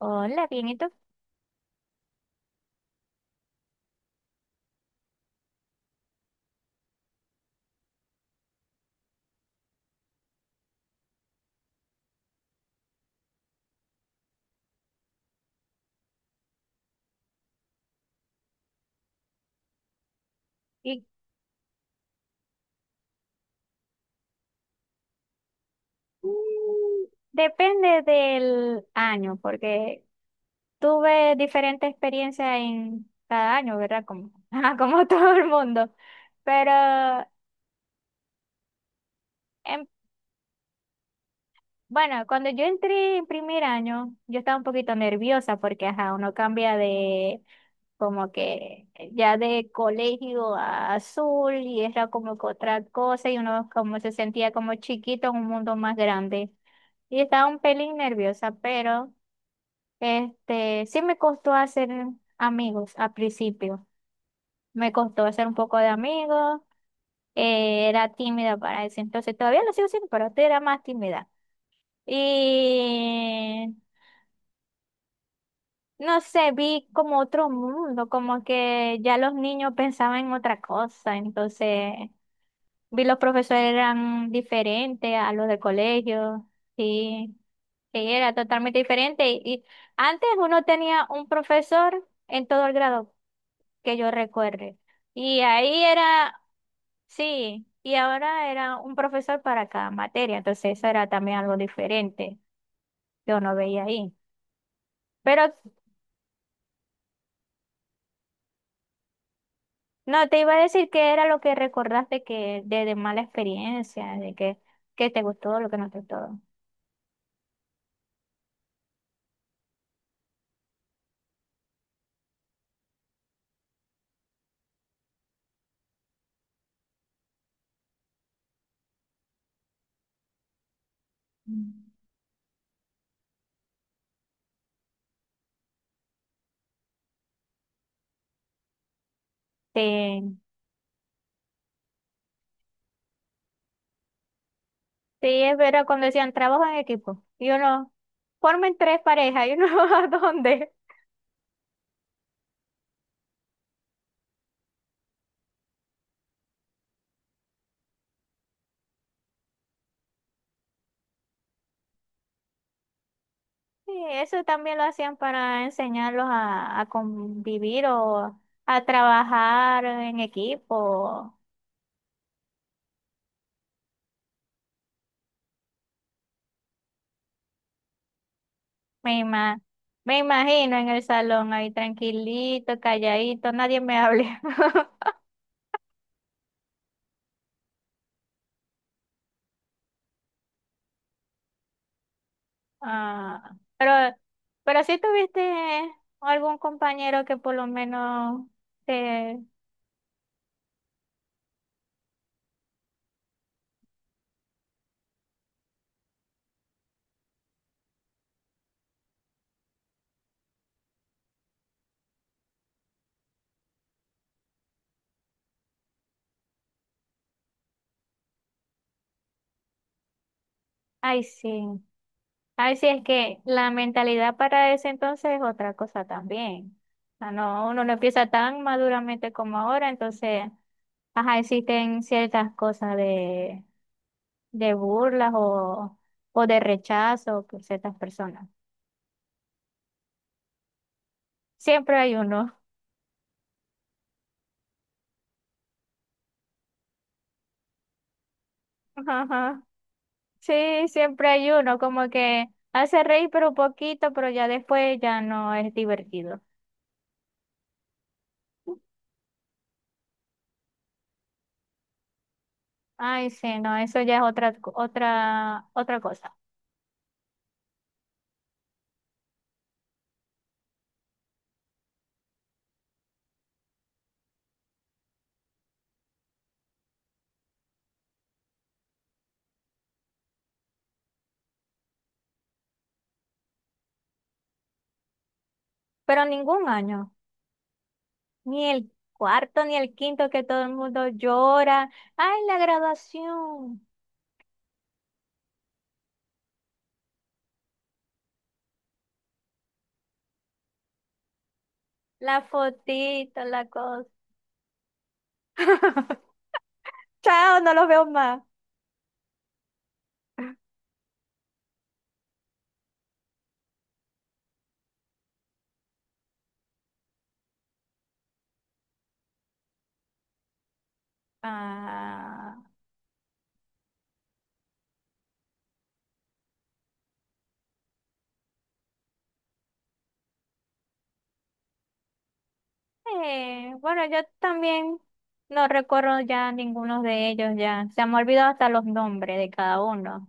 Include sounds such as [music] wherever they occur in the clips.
Hola, bien, ¿y tú? Y, depende del año, porque tuve diferente experiencia en cada año, ¿verdad? Como, [laughs] ajá, como todo el mundo. Pero em, Bueno, cuando yo entré en primer año, yo estaba un poquito nerviosa porque, ajá, uno cambia de como que ya de colegio a azul y era como que otra cosa y uno como se sentía como chiquito en un mundo más grande. Y estaba un pelín nerviosa, pero este sí me costó hacer amigos al principio. Me costó hacer un poco de amigos. Era tímida para eso. Entonces todavía lo sigo siendo, pero antes era más tímida. Y no sé, vi como otro mundo, como que ya los niños pensaban en otra cosa, entonces vi los profesores eran diferentes a los de colegio, sí, sí, era totalmente diferente. Y antes uno tenía un profesor en todo el grado que yo recuerde, y ahí era, sí, y ahora era un profesor para cada materia, entonces eso era también algo diferente, que uno veía ahí. Pero No, te iba a decir que era lo que recordaste que de mala experiencia, de que te gustó, lo que no te gustó. Mm. Sí, sí, es verdad, cuando decían trabajo en equipo, y uno, formen tres parejas, y uno, [laughs] ¿a dónde? Sí, eso también lo hacían para enseñarlos a convivir o a trabajar en equipo. Me ima- Me imagino en el salón ahí tranquilito, calladito, nadie me hable. [laughs] Ah, pero, pero si tuviste algún compañero que por lo menos te... Ay, sí. Ay, sí, es que la mentalidad para ese entonces es otra cosa también. O sea, no, uno no empieza tan maduramente como ahora, entonces, ajá, existen ciertas cosas de burlas o de rechazo con ciertas personas. Siempre hay uno. [laughs] Sí, siempre hay uno, como que hace reír pero un poquito, pero ya después ya no es divertido. Ay, sí, no, eso ya es otra cosa. Pero ningún año, ni el cuarto ni el quinto que todo el mundo llora. Ay, la graduación, la fotito, la cosa. [laughs] Chao, no los veo más. Ah. Bueno, yo también no recuerdo ya ninguno de ellos, ya se me ha olvidado hasta los nombres de cada uno.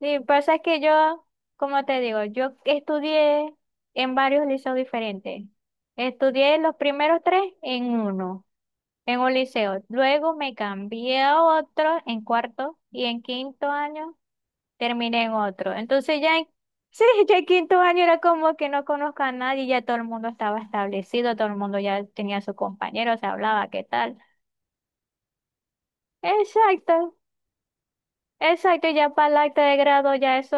Sí, pasa es que yo, como te digo, yo estudié en varios liceos diferentes. Estudié los primeros tres en uno, en un liceo. Luego me cambié a otro en cuarto y en quinto año terminé en otro. Entonces ya en, [laughs] sí, ya en quinto año era como que no conozco a nadie, ya todo el mundo estaba establecido, todo el mundo ya tenía a sus compañeros, se hablaba, ¿qué tal? Exacto, exacto, ya para el acta de grado ya eso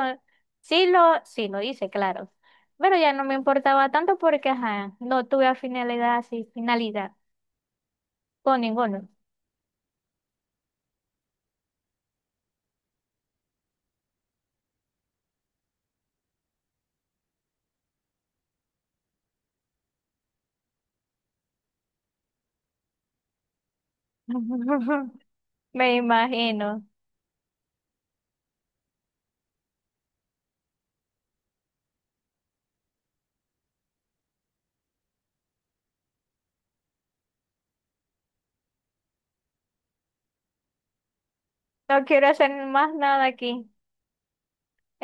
sí lo hice, claro. Pero ya no me importaba tanto porque ajá, no tuve finalidad, sí, finalidad con ninguno. [laughs] Me imagino. No quiero hacer más nada aquí.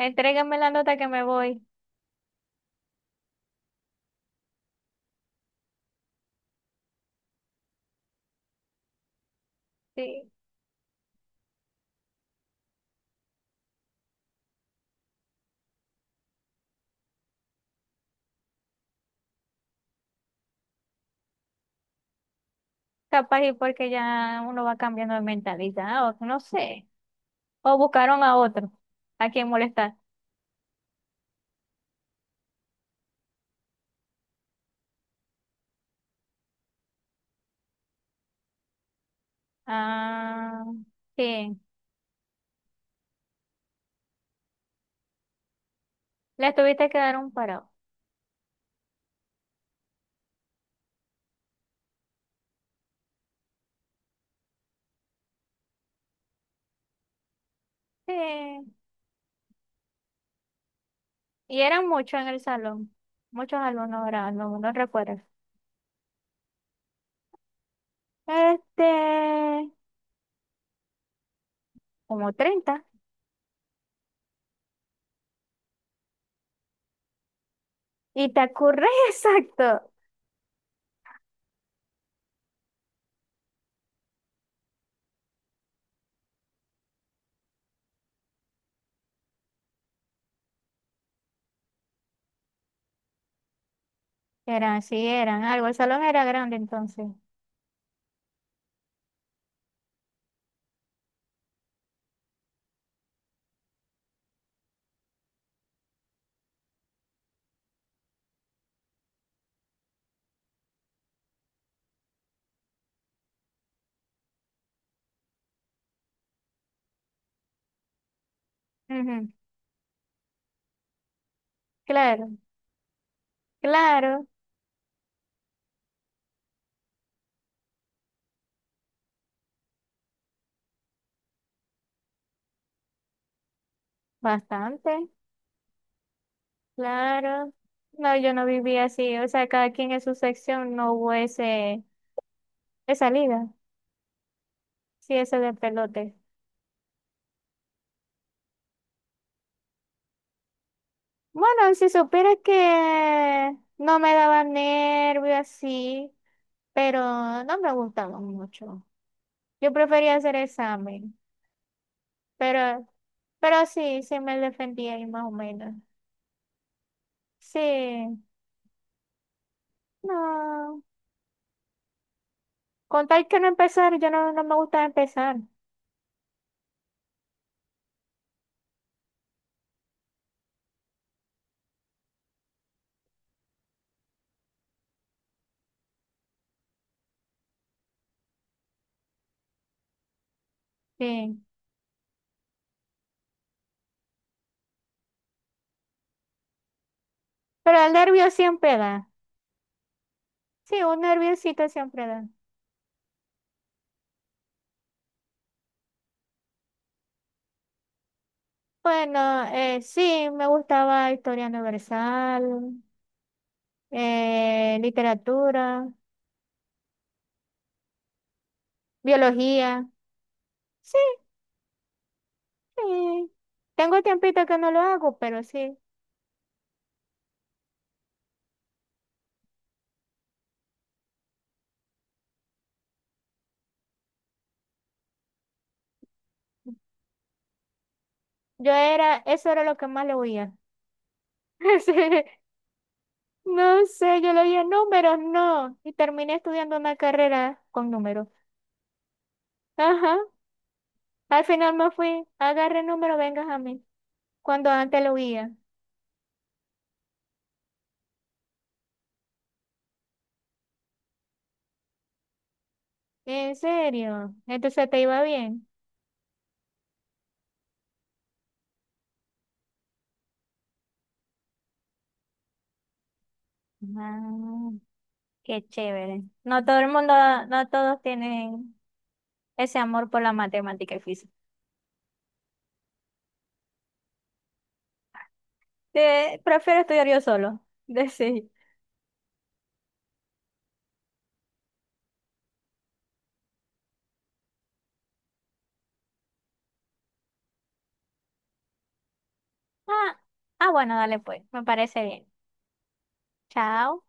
Entrégame la nota que me voy. Sí. Capaz y porque ya uno va cambiando de mentalidad, o no sé. O buscaron a otro, a quien molestar. Ah, sí. Les tuviste que dar un parado. Sí. Y eran muchos en el salón. Muchos alumnos ahora, no, no recuerdo. Este, como 30. Y te acurres [laughs] exacto. Eran, sí, eran algo. El salón era grande entonces. Ujú. Claro, claro, bastante. Claro, no, yo no vivía así, o sea, cada quien en su sección no hubo ese, esa liga, sí, ese de pelote. Bueno, si supieras que no me daba nervio así, pero no me gustaba mucho. Yo prefería hacer examen, pero, pero sí, sí me defendía ahí más o menos. Sí, no, con tal que no empezar, yo no, no me gusta empezar, sí, pero el nervio siempre da. Sí, un nerviosito siempre da. Bueno, sí, me gustaba historia universal, literatura, biología. Sí, sí. Tengo tiempito que no lo hago, pero sí. Yo era, eso era lo que más le oía. [laughs] Sí, no sé, yo le oía números, no. Y terminé estudiando una carrera con números. Ajá. Al final me fui, agarre el número, vengas a mí. Cuando antes lo oía. En serio, entonces te iba bien. Ah, qué chévere. No todo el mundo, no todos tienen ese amor por la matemática y física. Prefiero estudiar yo solo. [laughs] Decir. Ah, ah, bueno, dale pues. Me parece bien. Chao.